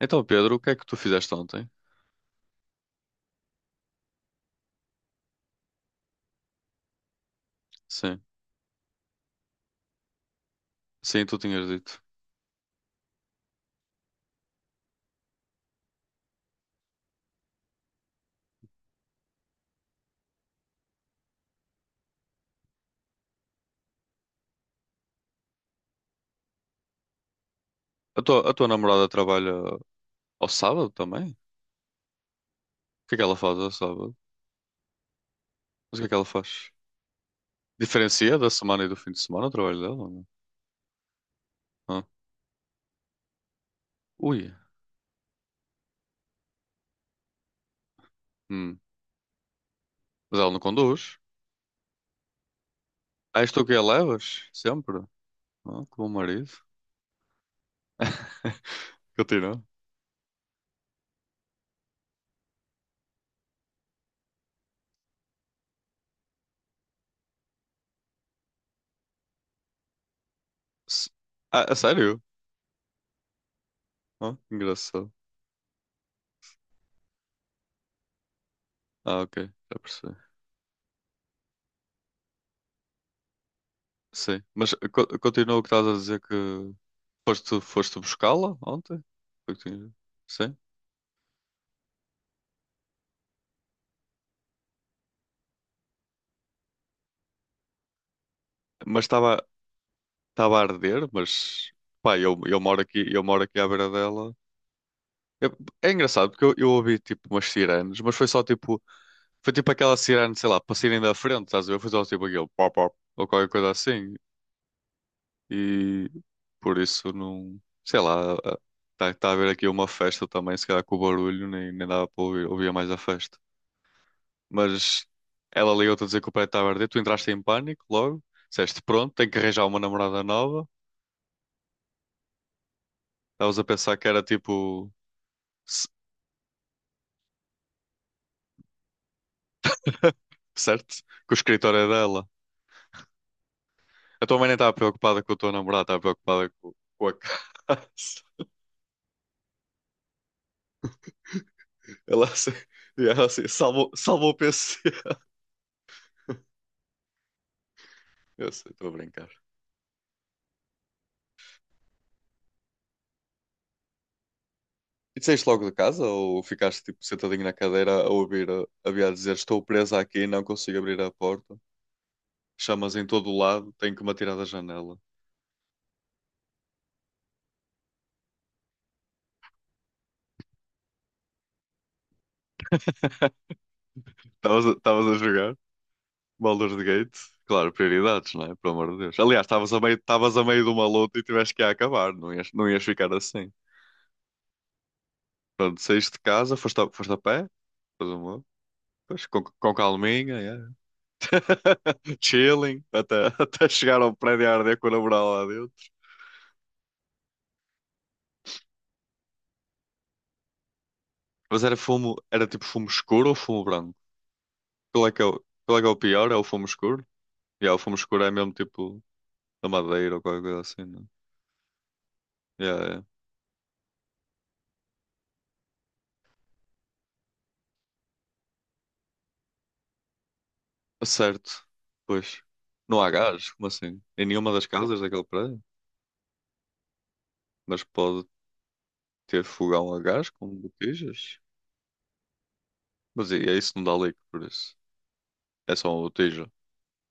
Então, Pedro, o que é que tu fizeste ontem? Sim, sim, tu tinhas dito. A tua namorada trabalha ao sábado também? O que é que ela faz ao sábado? Mas o que é que ela faz? Diferencia da semana e do fim de semana o trabalho dela? Ou não? Ah. Ui, hum. Mas ela não conduz? Ah, és tu que a levas? Sempre? Ah, que bom marido. Continua. S- Ah, a sério? Ah, engraçado. Ah, ok, já percebi. Sim, mas continua o que estás a dizer que foste buscá-la ontem? Foi que tinhas- Sim, mas estava a arder, mas pá, eu moro aqui, eu moro aqui à beira dela. Eu- É engraçado porque eu ouvi tipo umas sirenes, mas foi só tipo, foi tipo aquela sirene, sei lá, para saírem da frente, estás a ver? Foi só tipo aquele pop pop ou qualquer coisa assim. E por isso não, sei lá, está tá tá a haver aqui uma festa também, se calhar com o barulho, nem dava para ouvir, ouvia mais a festa. Mas ela ligou-te a dizer que o prédio estava a arder. Tu entraste em pânico logo. Disseste, pronto, tenho que arranjar uma namorada nova. Estavas a pensar que era tipo, c- certo? Que o escritório é dela. A tua mãe nem estava preocupada com a tua namorada, estava preocupada com, a casa. Ela assim, e ela assim salvou o PC. Eu sei, estou a brincar. E saíste logo de casa ou ficaste tipo sentadinho na cadeira a ouvir a Bia dizer estou presa aqui, não consigo abrir a porta. Chamas em todo o lado, tenho que me atirar da janela. Estavas a jogar Baldur's Gate? Claro, prioridades, não é? Pelo amor de Deus. Aliás, estavas a meio de uma luta e tiveste que ir a acabar, não ias ficar assim. Pronto, saíste de casa, foste a pé, depois uma, depois com calminha, yeah. Chilling, até chegar ao prédio a arder com a namorada lá dentro. Mas era fumo, era tipo fumo escuro ou fumo branco? Qual é que é o, qual é que é o pior? É o fumo escuro? Yeah, o fumo escuro é mesmo tipo da madeira ou qualquer coisa assim, não? É? Yeah, yeah. Certo, pois. Não há gás? Como assim? Em nenhuma das casas daquele prédio? Mas pode ter fogão a gás com botijas? Mas é isso, não dá leak por isso. É só uma botija.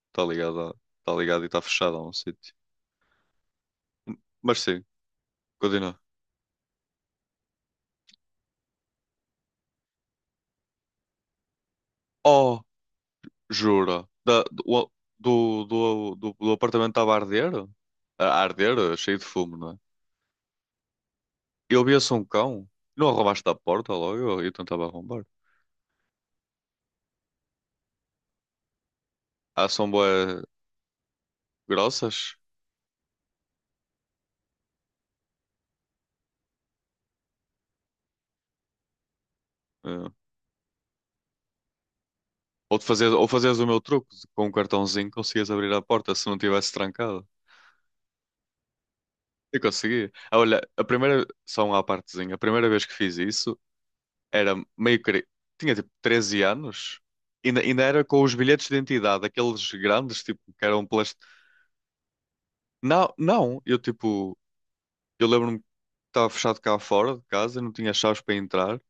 Está ligada e está fechada a um sítio. Mas sim, continua. Oh, jura? Da, do, do, do, do, do apartamento estava a arder? A arder, cheio de fumo, não é? Eu via-se um cão. Não arrombaste da porta logo? Eu tentava arrombar. Ah, são bué grossas? Ah, ou de fazer, ou fazeres o meu truque, com um cartãozinho conseguias abrir a porta se não tivesse trancado. Eu conseguia. Ah, olha, a primeira, só uma à partezinha, a primeira vez que fiz isso era meio que tinha tipo 13 anos, ainda era com os bilhetes de identidade, aqueles grandes, tipo, que eram plástico. Não, não, eu tipo, eu lembro-me que estava fechado cá fora de casa, não tinha chaves para entrar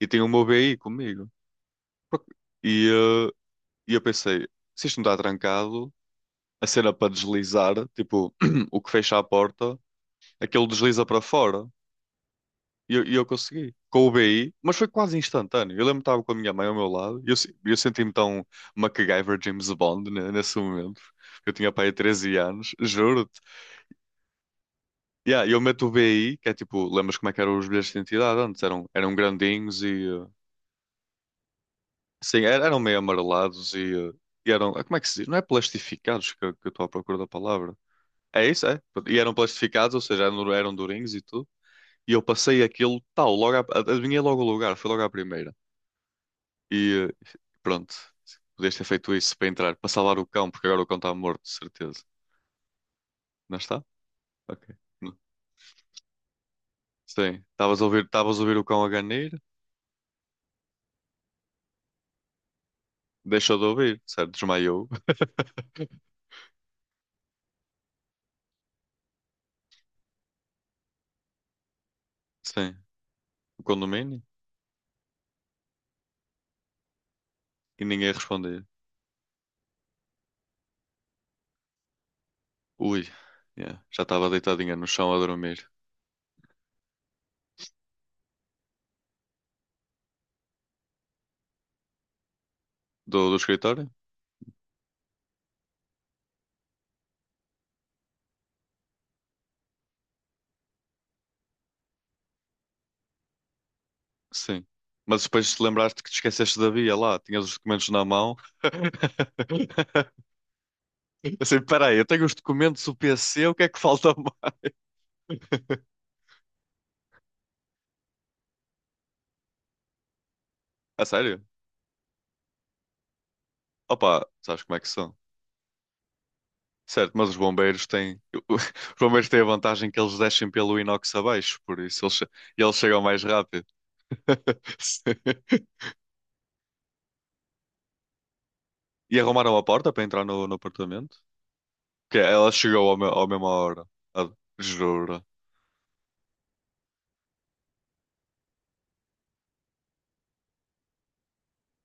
e tinha o meu BI comigo. Por- E, eh, e eu pensei, se isto não está trancado, a cena para deslizar, tipo, o que fecha a porta, aquilo desliza para fora. E eu consegui. Com o BI, mas foi quase instantâneo. Eu lembro que estava com a minha mãe ao meu lado e eu, se- eu senti-me tão MacGyver James Bond né, nesse momento. Eu tinha para aí 13 anos, juro-te. Yeah, e eu meto o BI, que é tipo, lembras como é que eram os bilhetes de identidade antes? Eram grandinhos e sim, eram meio amarelados e, e eram, ah, como é que se diz? Não é plastificados que eu estou à procura da palavra. É isso, é. E eram plastificados, ou seja, eram durinhos e tudo. E eu passei aquilo, tal, adivinhei logo o lugar, foi logo à primeira. E pronto, podias ter feito isso para entrar, para salvar o cão, porque agora o cão está morto, de certeza. Não está? Ok. Não. Sim, estavas a ouvir o cão a ganir, deixou de ouvir, certo? Desmaiou. Sim, o condomínio, e ninguém respondia. Ui, yeah, já estava deitadinha no chão a dormir. Do escritório? Sim. Mas depois te lembraste que te esqueceste da via lá, tinhas os documentos na mão. Assim, peraí, eu tenho os documentos do PC, o que é que falta mais? A sério? Opa, sabes como é que são? Certo, mas os bombeiros têm. Os bombeiros têm a vantagem que eles descem pelo inox abaixo, por isso eles chegam mais rápido. Sim. E arrumaram a porta para entrar no apartamento? Que é, ela chegou à mesma hora. Ah, jura.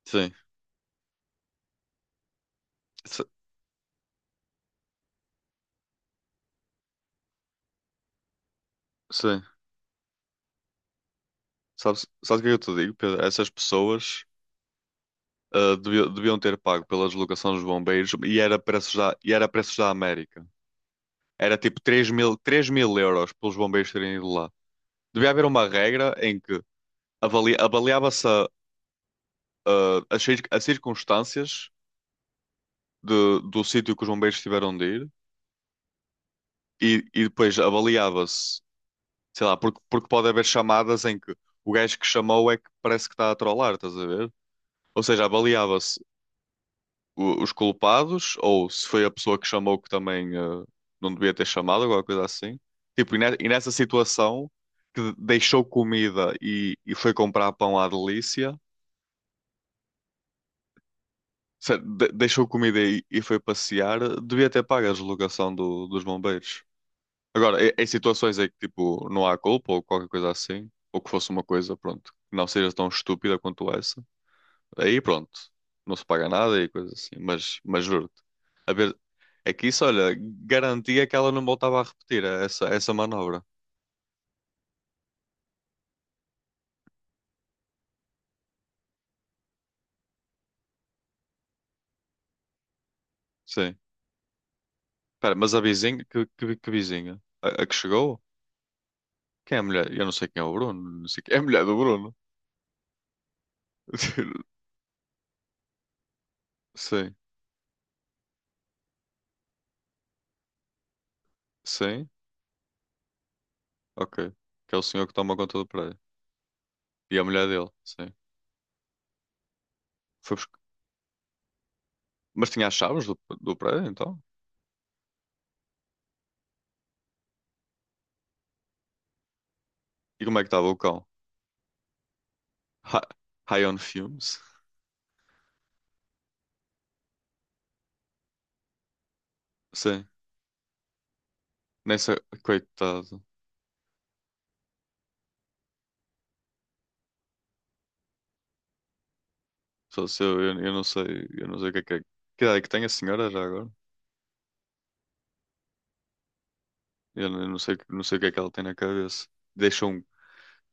Sim. S- Sim. Sabes o que é que eu te digo, Pedro? Essas pessoas deviam ter pago pela deslocação dos bombeiros e era preços da América. Era tipo três mil, 3.000 euros pelos bombeiros terem ido lá. Devia haver uma regra em que avaliava-se as circunstâncias do sítio que os bombeiros tiveram de ir e depois avaliava-se, sei lá, porque, pode haver chamadas em que o gajo que chamou é que parece que está a trollar, estás a ver? Ou seja, avaliava-se os culpados, ou se foi a pessoa que chamou que também não devia ter chamado, alguma coisa assim. Tipo, e nessa situação que deixou comida e, foi comprar pão à delícia, deixou comida e foi passear, devia ter pago a deslocação dos bombeiros. Agora, em situações em que tipo, não há culpa ou qualquer coisa assim, ou que fosse uma coisa, pronto, que não seja tão estúpida quanto essa, aí pronto, não se paga nada e coisas assim, mas juro-te. A ver, é que isso, olha, garantia que ela não voltava a repetir essa manobra. Sim. Espera, mas a vizinha, que vizinha? A que chegou? Quem é a mulher? Eu não sei quem é o Bruno, não sei quem é a mulher do Bruno. Sim, sim, ok. Que é o senhor que toma conta do prédio. E a mulher dele, sim. Foi busc- Mas tinha as chaves do prédio, então? E como é que estava o cão? Hi- High on fumes? Sim. Nessa, coitado. Só se eu não sei, eu não sei o que é que é. Que idade é que tem a senhora já agora? Não eu não sei, não sei o que é que ela tem na cabeça. Deixa um,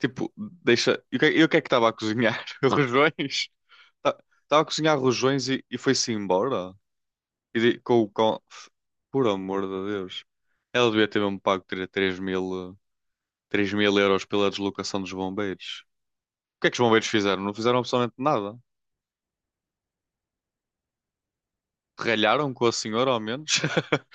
tipo, deixa. E o que é que estava a cozinhar? Rojões? Estava a cozinhar rojões e, foi-se embora? E com, o com, por amor de Deus. Ela devia ter mesmo pago 3 mil, 3 mil euros pela deslocação dos bombeiros. O que é que os bombeiros fizeram? Não fizeram absolutamente nada. Ralharam com a senhora, ao menos.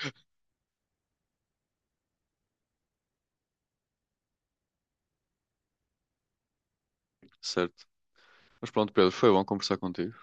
Certo. Mas pronto, Pedro, foi bom conversar contigo.